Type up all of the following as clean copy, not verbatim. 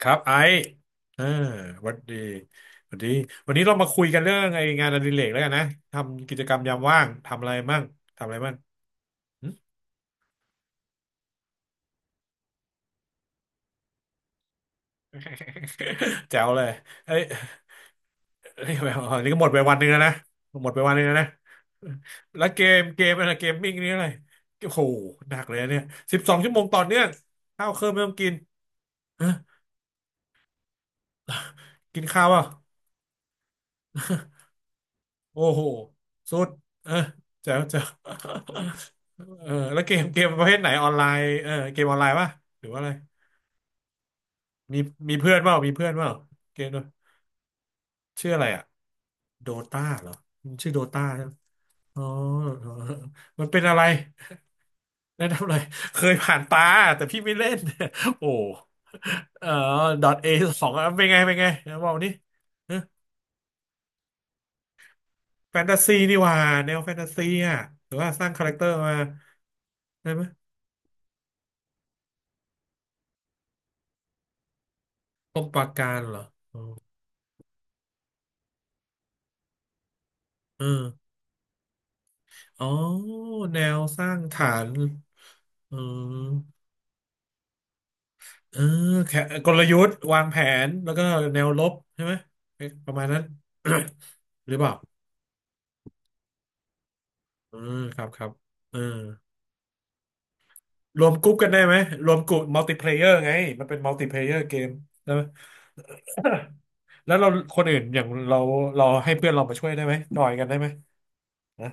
ครับไอซ์เออหวัสดีหวัสดีวันนี้เรามาคุยกันเรื่องไองานอดิเรกแล้วกันนะ ทำกิจกรรมยามว่าง ทำอะไรมั่งหึ แจ๋วเลยเอ้ยเอ้ยอันนี้ก็หมดไปวันหนึ่งแล้วนะหมดไปวันหนึ่งแล้วนะ แล้วเกมอะไรเกมมิ่งนี่อะไรโอ้โหหนักเลยนะเนี่ย12 ชั่วโมงต่อเนื่องข้าวเครื่องไม่ต้องกินฮะกินข้าวอ่ะ โอ้โหสุดเออแจ๋วแจ๋วเออแล้วเกมประเภทไหนออนไลน์เออเกมออนไลน์ป่ะหรือว่าอะไรมีมีเพื่อนเปล่ามีเพื่อนเปล่าเกมด้วยชื่ออะไรอ่ะโดตาเหรอชื่อโดตาใช่ไหมอ๋อเออมันเป็นอะไรแนะนำหน่อยเคยผ่านตาแต่พี่ไม่เล่น โอ้เออDotA 2เป็นไงเป็นไงนะบอกนี่แฟนตาซีนี่หว่าแนวแฟนตาซีอ่ะหรือว่าสร้างคาแรคเตอร์มาได้ไหมป้อมปราการเหรอ เอออ๋อแนวสร้างฐานเออเออแค่กลยุทธ์วางแผนแล้วก็แนวรบใช่ไหมเอ๊ะประมาณนั้น หรือเปล่าเออครับครับเออรวมกรุ๊ปกันได้ไหมรวมกลุ่มมัลติเพลเยอร์ไงมันเป็นมัลติเพลเยอร์เกมใช่ไหม แล้วเราคนอื่นอย่างเราเราให้เพื่อนเรามาช่วยได้ไหมจอยกันได้ไหมนะ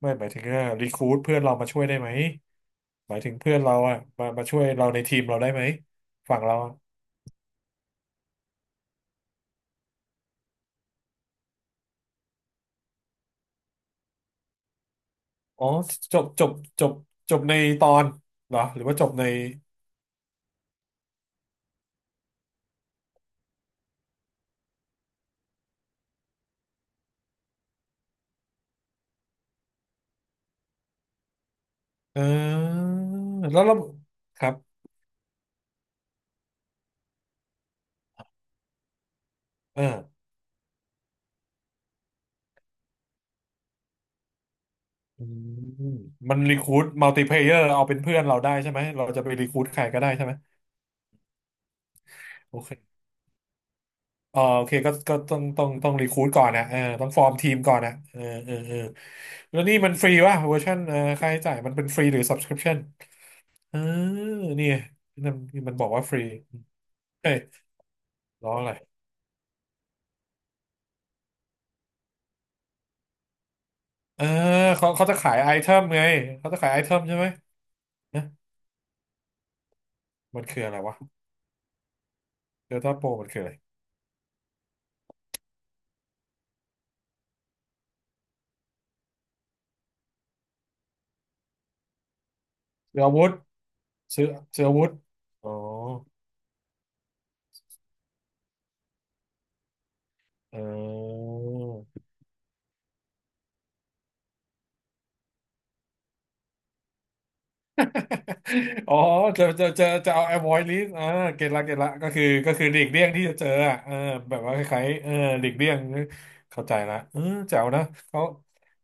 ไม่หมายถึงว่ารีคูดเพื่อนเรามาช่วยได้ไหมหมายถึงเพื่อนเราอะมาช่วยเราในทีมเราได้ไหมฝั่งเรา อ๋อจบจบจบจบในตอนเหรอหรือว่าจบในอ่าแล้วเราครับอออืมมันรีคูดมัลติเพลเยอร์เอาเป็นเพื่อนเราได้ใช่ไหมเราจะไปรีคูดใครก็ได้ใช่ไหมโอเคอ่าโอเคก็ต้องรีคูดก่อนนะเออต้องฟอร์มทีมก่อนนะเออเออเออแล้วนี่มันฟรีวะเวอร์ชันเออค่าใช้จ่ายมันเป็นฟรีหรือ subscription เออนี่มันมันบอกว่าฟรีเอ้ยร้องอะไรเออเขาจะขายไอเทมไงเขาจะขายไอเทมใช่ไหม นะมันคืออะไรวะเดลต้าโปรมันคืออะไรเสืออาวุธเสือเสืออาวุธอ๋อเออ อ๋อจะเอา avoid list อ่าเก็ตละก็คือหลีกเลี่ยงที่จะเจออ่ะเออแบบว่าคล้ายๆเออหลีกเลี่ยงเข้าใจละเออแจ๋วนะเขา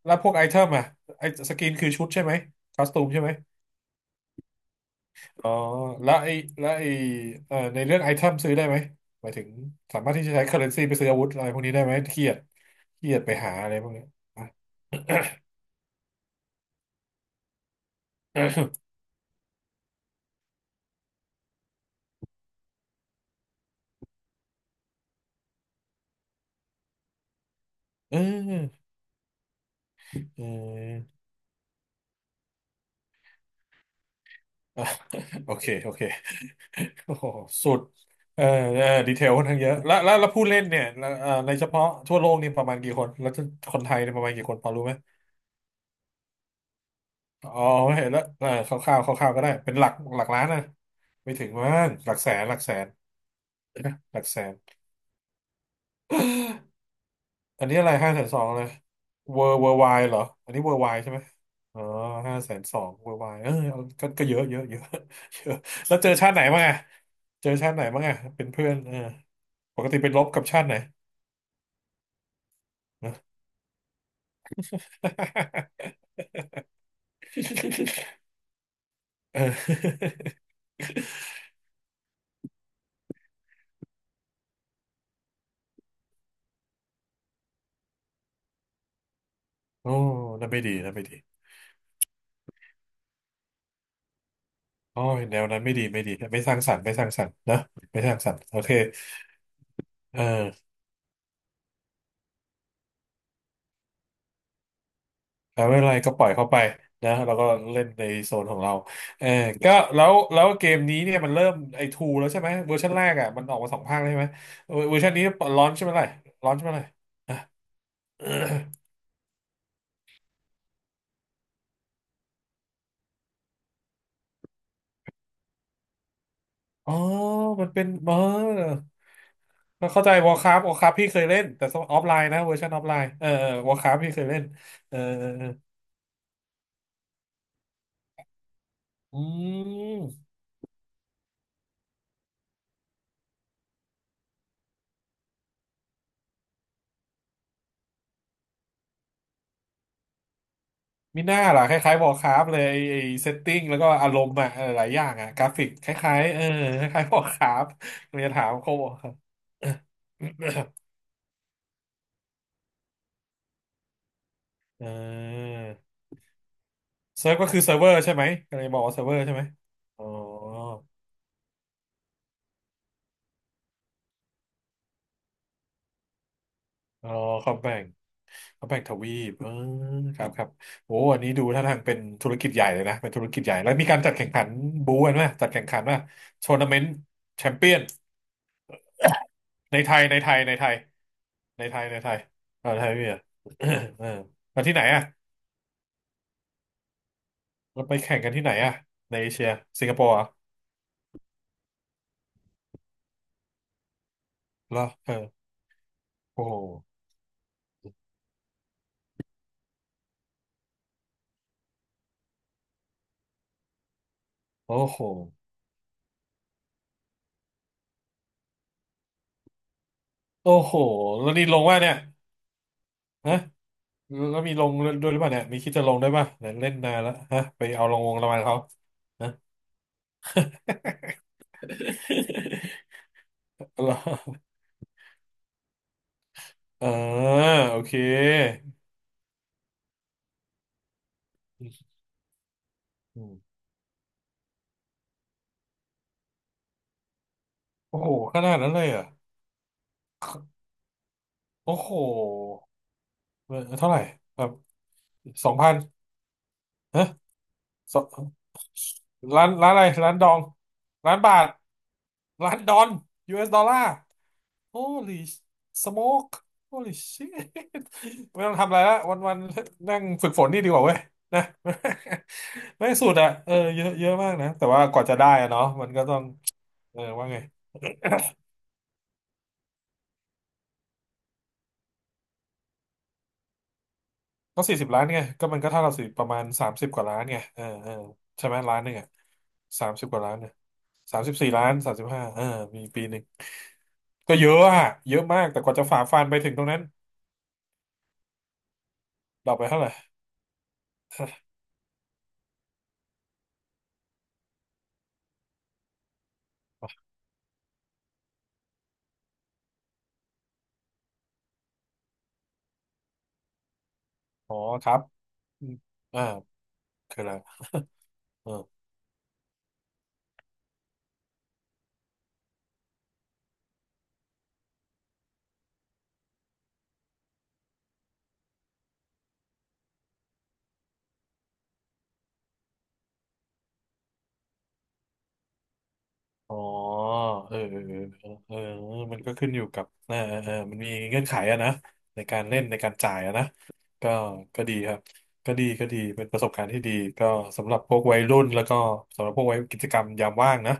แล้วพวกไอเทมอ่ะไอสกินคือชุดใช่ไหมคอสตูมใช่ไหมอ๋อแล้วไอแล้วไอในเรื่องไอเทมซื้อได้ไหมหมายถึงสามารถที่จะใช้ currency ไปซื้ออาวุธอะไรพวกนี้ได้ไหมเครียดไปหาอะไรพวกนี้ เออเออเอออ่ะโอเค โอเคโอ้โหสุดเออเออดีเทลค่อนข้างเยอะ แล้วผู้เล่นเนี่ยแล้วในเฉพาะทั่วโลกนี่ประมาณกี่คน แล้วคนไทยเนี่ยประมาณกี่คน พอรู้ไหมอ๋อเห็นแล้วเออคร่าวๆคร่าวๆก็ได้ เป็นหลักล้านนะไม่ถึงมั้งหลักแสน หลักแสนหลักแสน อันนี้อะไร520,000เลยเวอร์ไวเหรออันนี้เวอร์ไวใช่ไหมอ๋อห้าแสนสองเวอร์ไวเออเอาก็ก็เยอะเยอะเยอะ เยอะแล้วเจอชาติไหนบ้างอะเจอชาติไหนบ้างอะเป็นเพื่อนเออปกติไปรบกับชาติไหนเนอะ ออโอ้นั่นไม่ดีนั่นไม่ดีโอ้ยแนวนั้นไม่ดีไม่ดีไม่สร้างสรรค์ไม่สร้างสรรค์นะไม่สร้างสรรค์โอเคเออ อ่าไม่เป็นไรก็ปล่อยเข้าไปนะเราก็เล่นในโซนของเราเออก็แล้วเกมนี้เนี่ยมันเริ่มไอทูแล้วใช่ไหมเวอร์ชันแรกอ่ะมันออกมาสองภาคแล้วใช่ไหมเวอร์ชันนี้ร้อนใช่ไหมล่ะร้อนใช่ไหมล่ะอ่ะอ๋อมันเป็นเออเข้าใจวอรคราวอรคราพี่เคยเล่นแต่ออฟไลน์นะเวอร์ชันออฟไลน์เออวอรคราพี่เคยเล่นเออเออเอออืม มีหน้าล่ะคล้ายๆ Warcraft เลยไอ้ไอ้เซตติ้งแล้วก็อารมณ์อะเออหลายอย่างอะกราฟิกคล้ายๆเออคล้ายๆ Warcraft มันจะถามโคเออ เซิร์ฟก็คือเซิร์ฟเวอร์ใช่ไหมก็เลยบอกว่าเซิร์ฟเวอร์ใช่ไหมอ๋ออ๋อเขมแบ่งเอมแบ่งทวีปเออครับครับโอ้อันนี้ดูท่าทางเป็นธุรกิจใหญ่เลยนะเป็นธุรกิจใหญ่แล้วมีการจัดแข่งขันบูกันไหมจัดแข่งขันว่าทัวร์นาเมนต์แชมเปี้ยน ในไทยในไทยในไทยในไทยในไทยเออไทยพี่อ่ะ เออมาที่ไหนอ่ะเราไปแข่งกันที่ไหนอ่ะในเอเชียสิงคโปร์เหรอ่ะเหรอเออโอ้โหโอ้โหโอ้โหแล้วนี่ลงว่าเนี่ยฮะแล้วมีลงด้วยหรือเปล่าเนี่ยมีคิดจะลงด้วยป่ะเนี่ยเล่นนานแล้วฮะไปเอาลงวงรางวัลเขาฮะ เหรอเออโอเคอืมโอ้โหขนาดนั้นเลยเหรอ่ะโอ้โหเออเท่าไหร่แบบ2000 สร้านร้านอะไรร้านดองร้านบาทร้านดอน US ดอลลาร์ Holy smoke Holy shit ไม่ต้องทำอะไรละวันวันนั่งฝึกฝนนี่ดีกว่าเว้ยนะ ไม่สุดอ่ะเออเยอะเยอะมากนะแต่ว่ากว่าจะได้อะเนาะมันก็ต้องเออว่าไงก็40 ล้านไงก็มันก็เท่าเราสิประมาณสามสิบกว่าล้านไงเออเออใช่ไหมล้านหนึ่งอ่ะสามสิบกว่าล้านเนี่ย34 ล้าน35เออมีปีหนึ่งก็เยอะอะเยอะมากแต่กว่าจะฝ่าฟันไปถึงตรงนั้น ดรอปไปเท่าไหร่ อ๋อครับอมอ่าคืออะไรเอออ๋อเออเออเออเออมันก็ขึ้นอยู่กับมันมีเงื่อนไขอะนะในการเล่นในการจ่ายอะนะก็ก็ดีครับก็ดีก็ดีเป็นประสบการณ์ที่ดีก็สำหรับพวกวัยรุ่นแล้วก็สำหรับพวกวัยกิจกรรมยามว่างนะ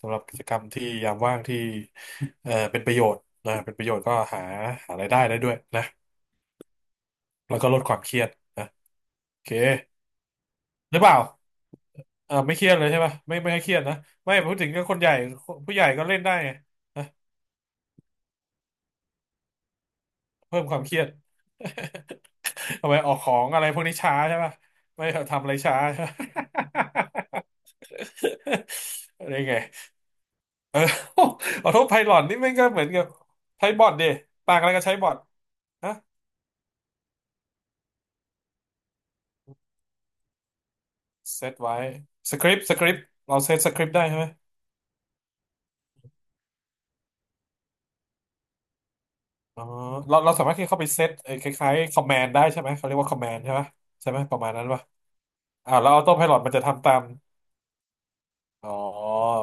สำหรับกิจกรรมที่ยามว่างที่เป็นประโยชน์นะเป็นประโยชน์ก็หาหารายได้ได้ด้วยนะแล้วก็ลดความเครียดนะโอเคหรือเปล่า ไม่เครียดเลยใช่ป่ะไม่ไม่ให้เครียดนะ ไม่พูดถึงก็คนใหญ่ผู้ใหญ่ก็เล่นได้ไงนะเพิ่มความเครียด ทำไมออกของอะไรพวกนี้ช้าใช่ป่ะไม่ทำอะไรช้าใช่ปะ อะไรไง โอ้ ขอโทษไพลอตนี่มันก็เหมือนกับใช้บอทดิต่างอะไรกับใช้บอทฮะเซตไว้สคริปต์สคริปต์เราเซตสคริปต์ได้ใช่ไหมอ๋อเราสามารถที่เข้าไปเซตไอ้คล้ายๆคอมแมนด์ได้ใช่ไหมเขาเรียกว่าคอมแมนด์ใช่ไหมใช่ไหมประมาณนั้นป่ะแล้วออโต้ไพลอตมันจะทำตาม อ๋อ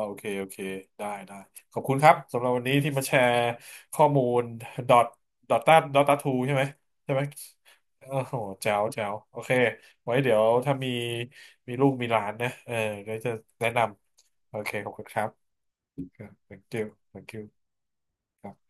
โอเคโอเคได้ได้ขอบคุณครับสำหรับวันนี้ที่มาแชร์ข้อมูลดอทดอทตาดอทตาทูใช่ไหมใช่ไหมโอ้โหแจ๋วแจ๋วโอเคไว้เดี๋ยวถ้ามีมีลูกมีหลานนะเออก็จะแนะนำโอเคขอบคุณครับ thank you thank you ครับ